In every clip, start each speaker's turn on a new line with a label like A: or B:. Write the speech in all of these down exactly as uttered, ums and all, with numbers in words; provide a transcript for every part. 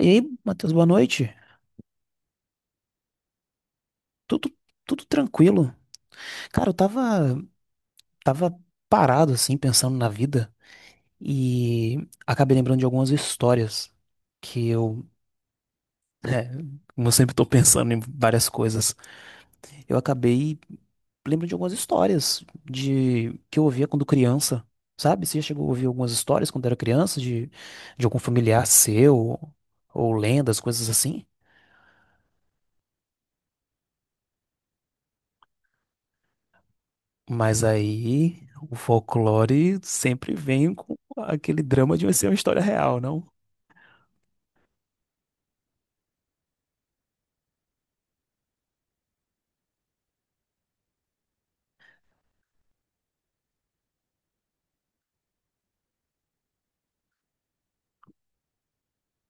A: E aí, Matheus, boa noite. Tudo, tudo tranquilo. Cara, eu tava, tava parado, assim, pensando na vida e acabei lembrando de algumas histórias que eu, é, como eu sempre tô pensando em várias coisas, eu acabei lembrando de algumas histórias de que eu ouvia quando criança, sabe? Você já chegou a ouvir algumas histórias quando era criança de, de algum familiar seu ou lendas, coisas assim? Mas aí o folclore sempre vem com aquele drama de ser uma história real, não?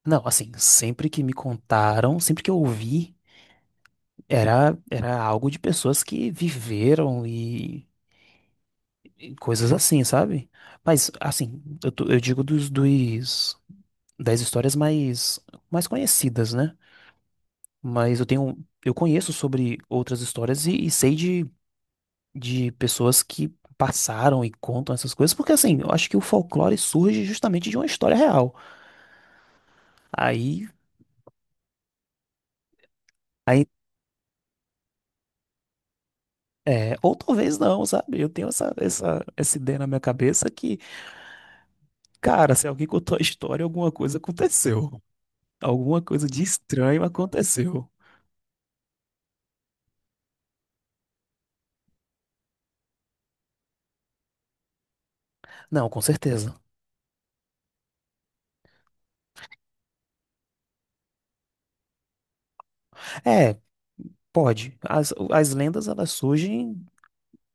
A: Não, assim, sempre que me contaram, sempre que eu ouvi, era, era algo de pessoas que viveram e, e coisas assim, sabe? Mas, assim, eu, tô- eu digo dos, dos, das histórias mais, mais conhecidas, né? Mas eu tenho, eu conheço sobre outras histórias e, e sei de de pessoas que passaram e contam essas coisas, porque assim, eu acho que o folclore surge justamente de uma história real. Aí, aí é, ou talvez não, sabe? Eu tenho essa, essa, essa ideia na minha cabeça que, cara, se alguém contou a história, alguma coisa aconteceu. Alguma coisa de estranho aconteceu. Não, com certeza. É, pode. As, as lendas, elas surgem.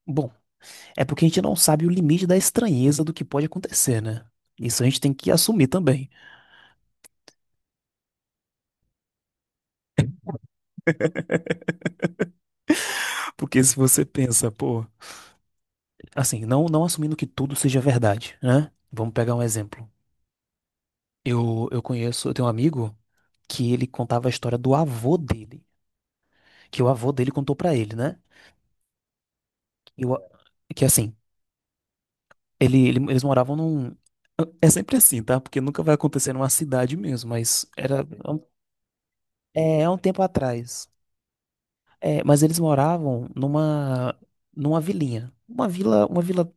A: Bom, é porque a gente não sabe o limite da estranheza do que pode acontecer, né? Isso a gente tem que assumir também. Porque se você pensa, pô, assim, não, não assumindo que tudo seja verdade, né? Vamos pegar um exemplo. Eu, eu conheço, eu tenho um amigo que ele contava a história do avô dele, que o avô dele contou pra ele, né? E o- que assim, ele, ele- eles moravam num. É sempre assim, tá? Porque nunca vai acontecer numa cidade mesmo, mas era. É, é um tempo atrás. É, mas eles moravam numa, numa vilinha. Uma vila, uma vila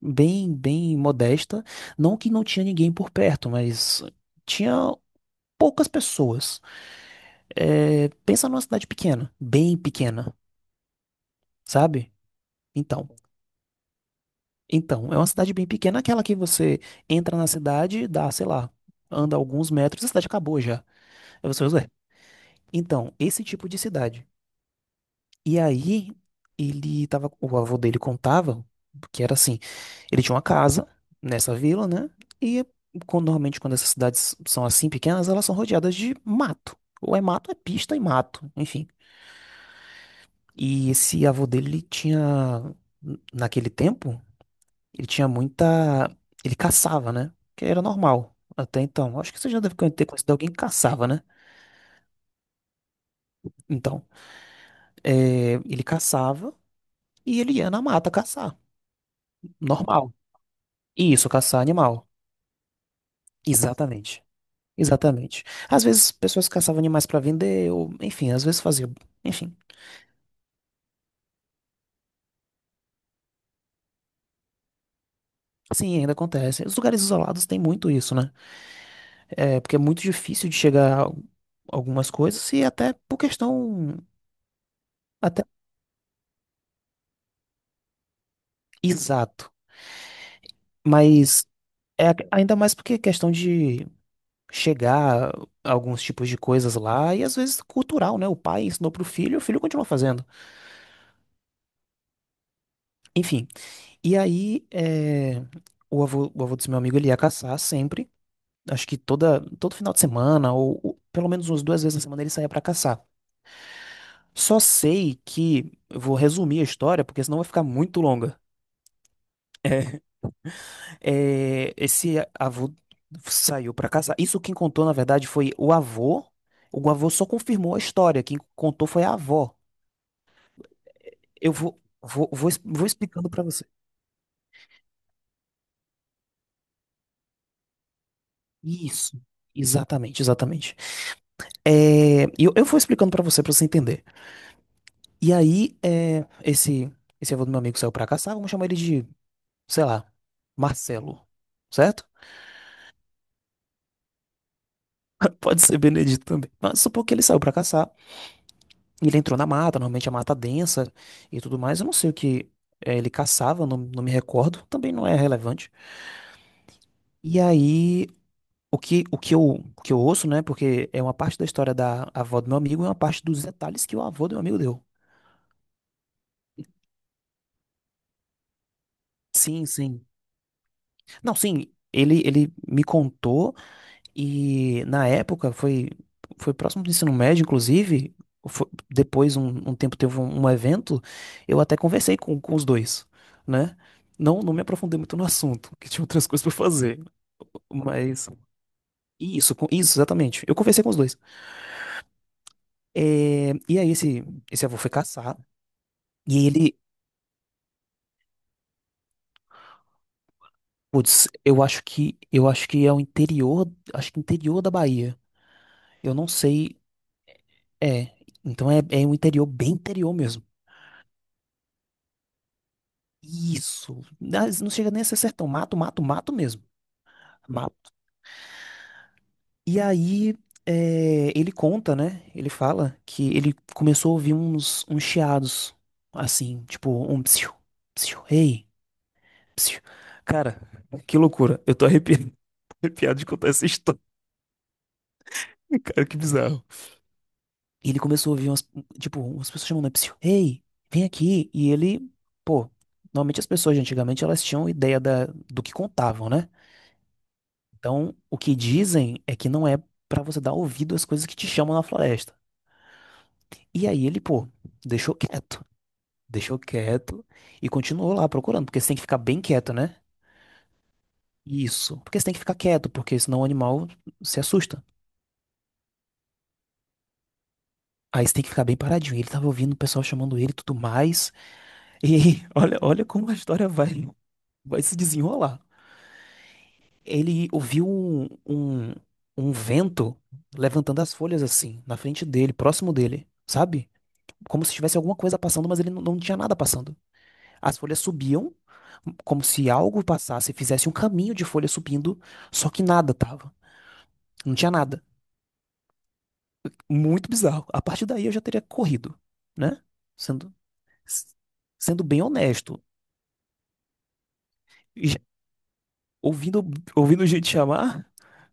A: bem, bem modesta. Não que não tinha ninguém por perto, mas tinha poucas pessoas. É, pensa numa cidade pequena, bem pequena, sabe? Então, então, é uma cidade bem pequena, aquela que você entra na cidade, dá, sei lá, anda alguns metros, a cidade acabou já. Aí você, ué, então, esse tipo de cidade. E aí, ele tava, o avô dele contava que era assim, ele tinha uma casa nessa vila, né? E quando- normalmente quando essas cidades são assim pequenas, elas são rodeadas de mato. Ou é mato, é pista e mato, enfim. E esse avô dele, ele tinha, naquele tempo, ele tinha muita. Ele caçava, né? Que era normal até então. Acho que você já deve con- ter conhecido alguém que caçava, né? Então, é, ele caçava e ele ia na mata caçar. Normal. Isso, caçar animal. Exatamente. Exatamente. Às vezes, pessoas caçavam animais para vender, ou enfim, às vezes faziam. Enfim, sim, ainda acontece. Os lugares isolados têm muito isso, né? É, porque é muito difícil de chegar a algumas coisas e até por questão até exato, mas é a- ainda mais porque é questão de chegar a alguns tipos de coisas lá e às vezes cultural, né? O pai ensinou pro filho, o filho continua fazendo. Enfim, e aí é, o avô, o avô desse meu amigo ele ia caçar sempre, acho que toda todo final de semana ou, ou pelo menos umas duas vezes na semana ele saía pra caçar. Só sei que eu vou resumir a história porque senão vai ficar muito longa. É, esse avô saiu para casar. Isso quem contou, na verdade, foi o avô. O avô só confirmou a história. Quem contou foi a avó. Eu vou, vou, vou, es- vou explicando para você. Isso. Exatamente, exatamente. É, e eu, eu vou explicando para você, para você entender. E aí, é, esse, esse avô do meu amigo saiu para caçar. Vamos chamar ele de, sei lá, Marcelo. Certo? Pode ser Benedito também. Mas supor que ele saiu para caçar. E ele entrou na mata, normalmente a mata densa e tudo mais. Eu não sei o que eh, ele caçava, não, não me recordo, também não é relevante. E aí, o que, o que eu, o que eu ouço, né? Porque é uma parte da história da avó do meu amigo e uma parte dos detalhes que o avô do meu amigo deu. Sim, sim. Não, sim, ele, ele me contou. E na época foi, foi próximo do ensino médio, inclusive. fo- depois, um, um tempo, teve um, um evento. Eu até conversei com, com os dois, né? Não, não me aprofundei muito no assunto, que tinha outras coisas pra fazer. Mas. Isso, com- isso, exatamente. Eu conversei com os dois. É, e aí, esse, esse avô foi caçar. E ele. Putz, eu acho que. Eu acho que é o interior. Acho que interior da Bahia. Eu não sei. É. Então é, é um interior bem interior mesmo. Isso. Não não chega nem a ser sertão. Mato, mato, mato mesmo. Mato. E aí, é, ele conta, né? Ele fala que ele começou a ouvir uns, uns chiados, assim, tipo, um psiu, psiu, ei, psiu. Cara, que loucura. Eu tô arrepiado, arrepiado de contar essa história. Cara, que bizarro. E ele começou a ouvir umas, tipo, umas pessoas chamando, né, psiu, ei, vem aqui. E ele, pô, normalmente as pessoas de antigamente, elas tinham ideia da, do que contavam, né? Então, o que dizem é que não é pra você dar ouvido às coisas que te chamam na floresta. E aí ele, pô, deixou quieto. Deixou quieto e continuou lá procurando, porque você tem que ficar bem quieto, né? Isso. Porque você tem que ficar quieto, porque senão o animal se assusta. Aí você tem que ficar bem paradinho. Ele tava ouvindo o pessoal chamando ele e tudo mais. E olha, olha como a história vai, vai se desenrolar. Ele ouviu um, um, um vento levantando as folhas assim, na frente dele, próximo dele, sabe? Como se tivesse alguma coisa passando, mas ele não, não tinha nada passando. As folhas subiam, como se algo passasse, fizesse um caminho de folha subindo, só que nada tava. Não tinha nada. Muito bizarro. A partir daí eu já teria corrido, né? Sendo, s- sendo bem honesto. E já- Ouvindo, ouvindo gente chamar?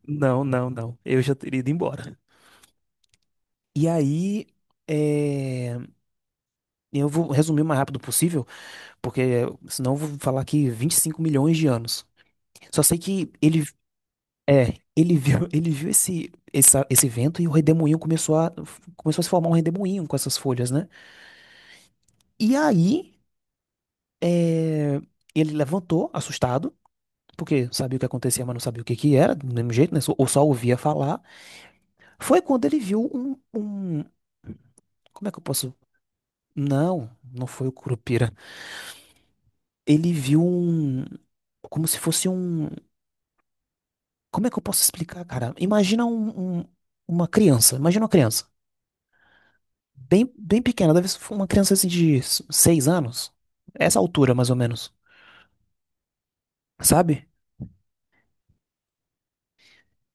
A: Não, não, não. Eu já teria ido embora. E aí, é, eu vou resumir o mais rápido possível, porque senão eu vou falar aqui vinte e cinco milhões de anos. Só sei que ele É, ele viu, ele viu esse, essa- esse vento e o redemoinho começou a, começou a se formar um redemoinho com essas folhas, né? E aí, é, ele levantou, assustado, porque sabia o que acontecia, mas não sabia o que que era, do mesmo jeito, né? Só- Ou só ouvia falar. Foi quando ele viu um, um- como é que eu posso? Não, não foi o Curupira. Ele viu um, como se fosse um, como é que eu posso explicar, cara? Imagina um, um- uma criança, imagina uma criança. Bem, bem pequena, deve ser uma criança assim de s- seis anos. Essa altura, mais ou menos, sabe?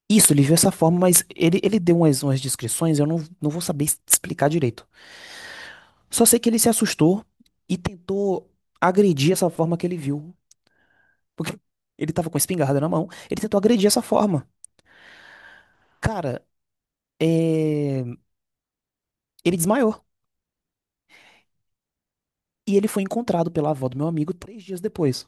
A: Isso, ele viu essa forma, mas ele, ele deu umas, umas descrições, eu não, não vou saber es- explicar direito. Só sei que ele se assustou e tentou agredir essa forma que ele viu. Porque ele tava com a espingarda na mão, ele tentou agredir essa forma. Cara, é... ele desmaiou. E ele foi encontrado pela avó do meu amigo três dias depois.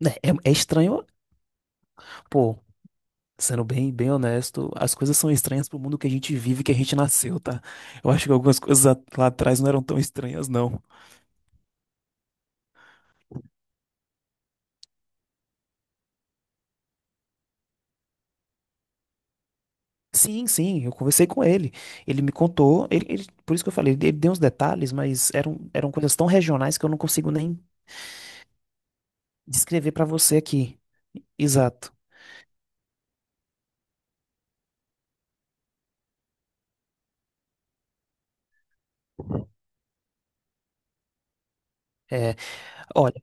A: Né? É, é estranho, pô. Sendo bem, bem honesto, as coisas são estranhas pro mundo que a gente vive, que a gente nasceu, tá? Eu acho que algumas coisas a- lá atrás não eram tão estranhas, não. Sim, sim, eu conversei com ele. Ele me contou, ele, ele- por isso que eu falei, ele deu uns detalhes, mas eram, eram coisas tão regionais que eu não consigo nem descrever pra você aqui. Exato. É, olha,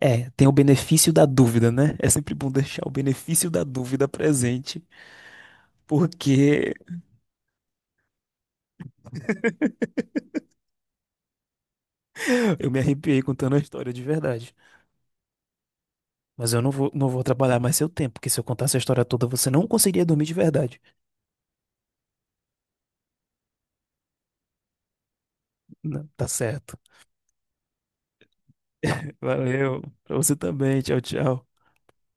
A: é, tem o benefício da dúvida, né? É sempre bom deixar o benefício da dúvida presente, porque eu me arrepiei contando a história de verdade. Mas eu não vou, não vou atrapalhar mais seu tempo, porque se eu contar essa história toda, você não conseguiria dormir de verdade. Não, tá certo. Valeu. Pra você também. Tchau, tchau.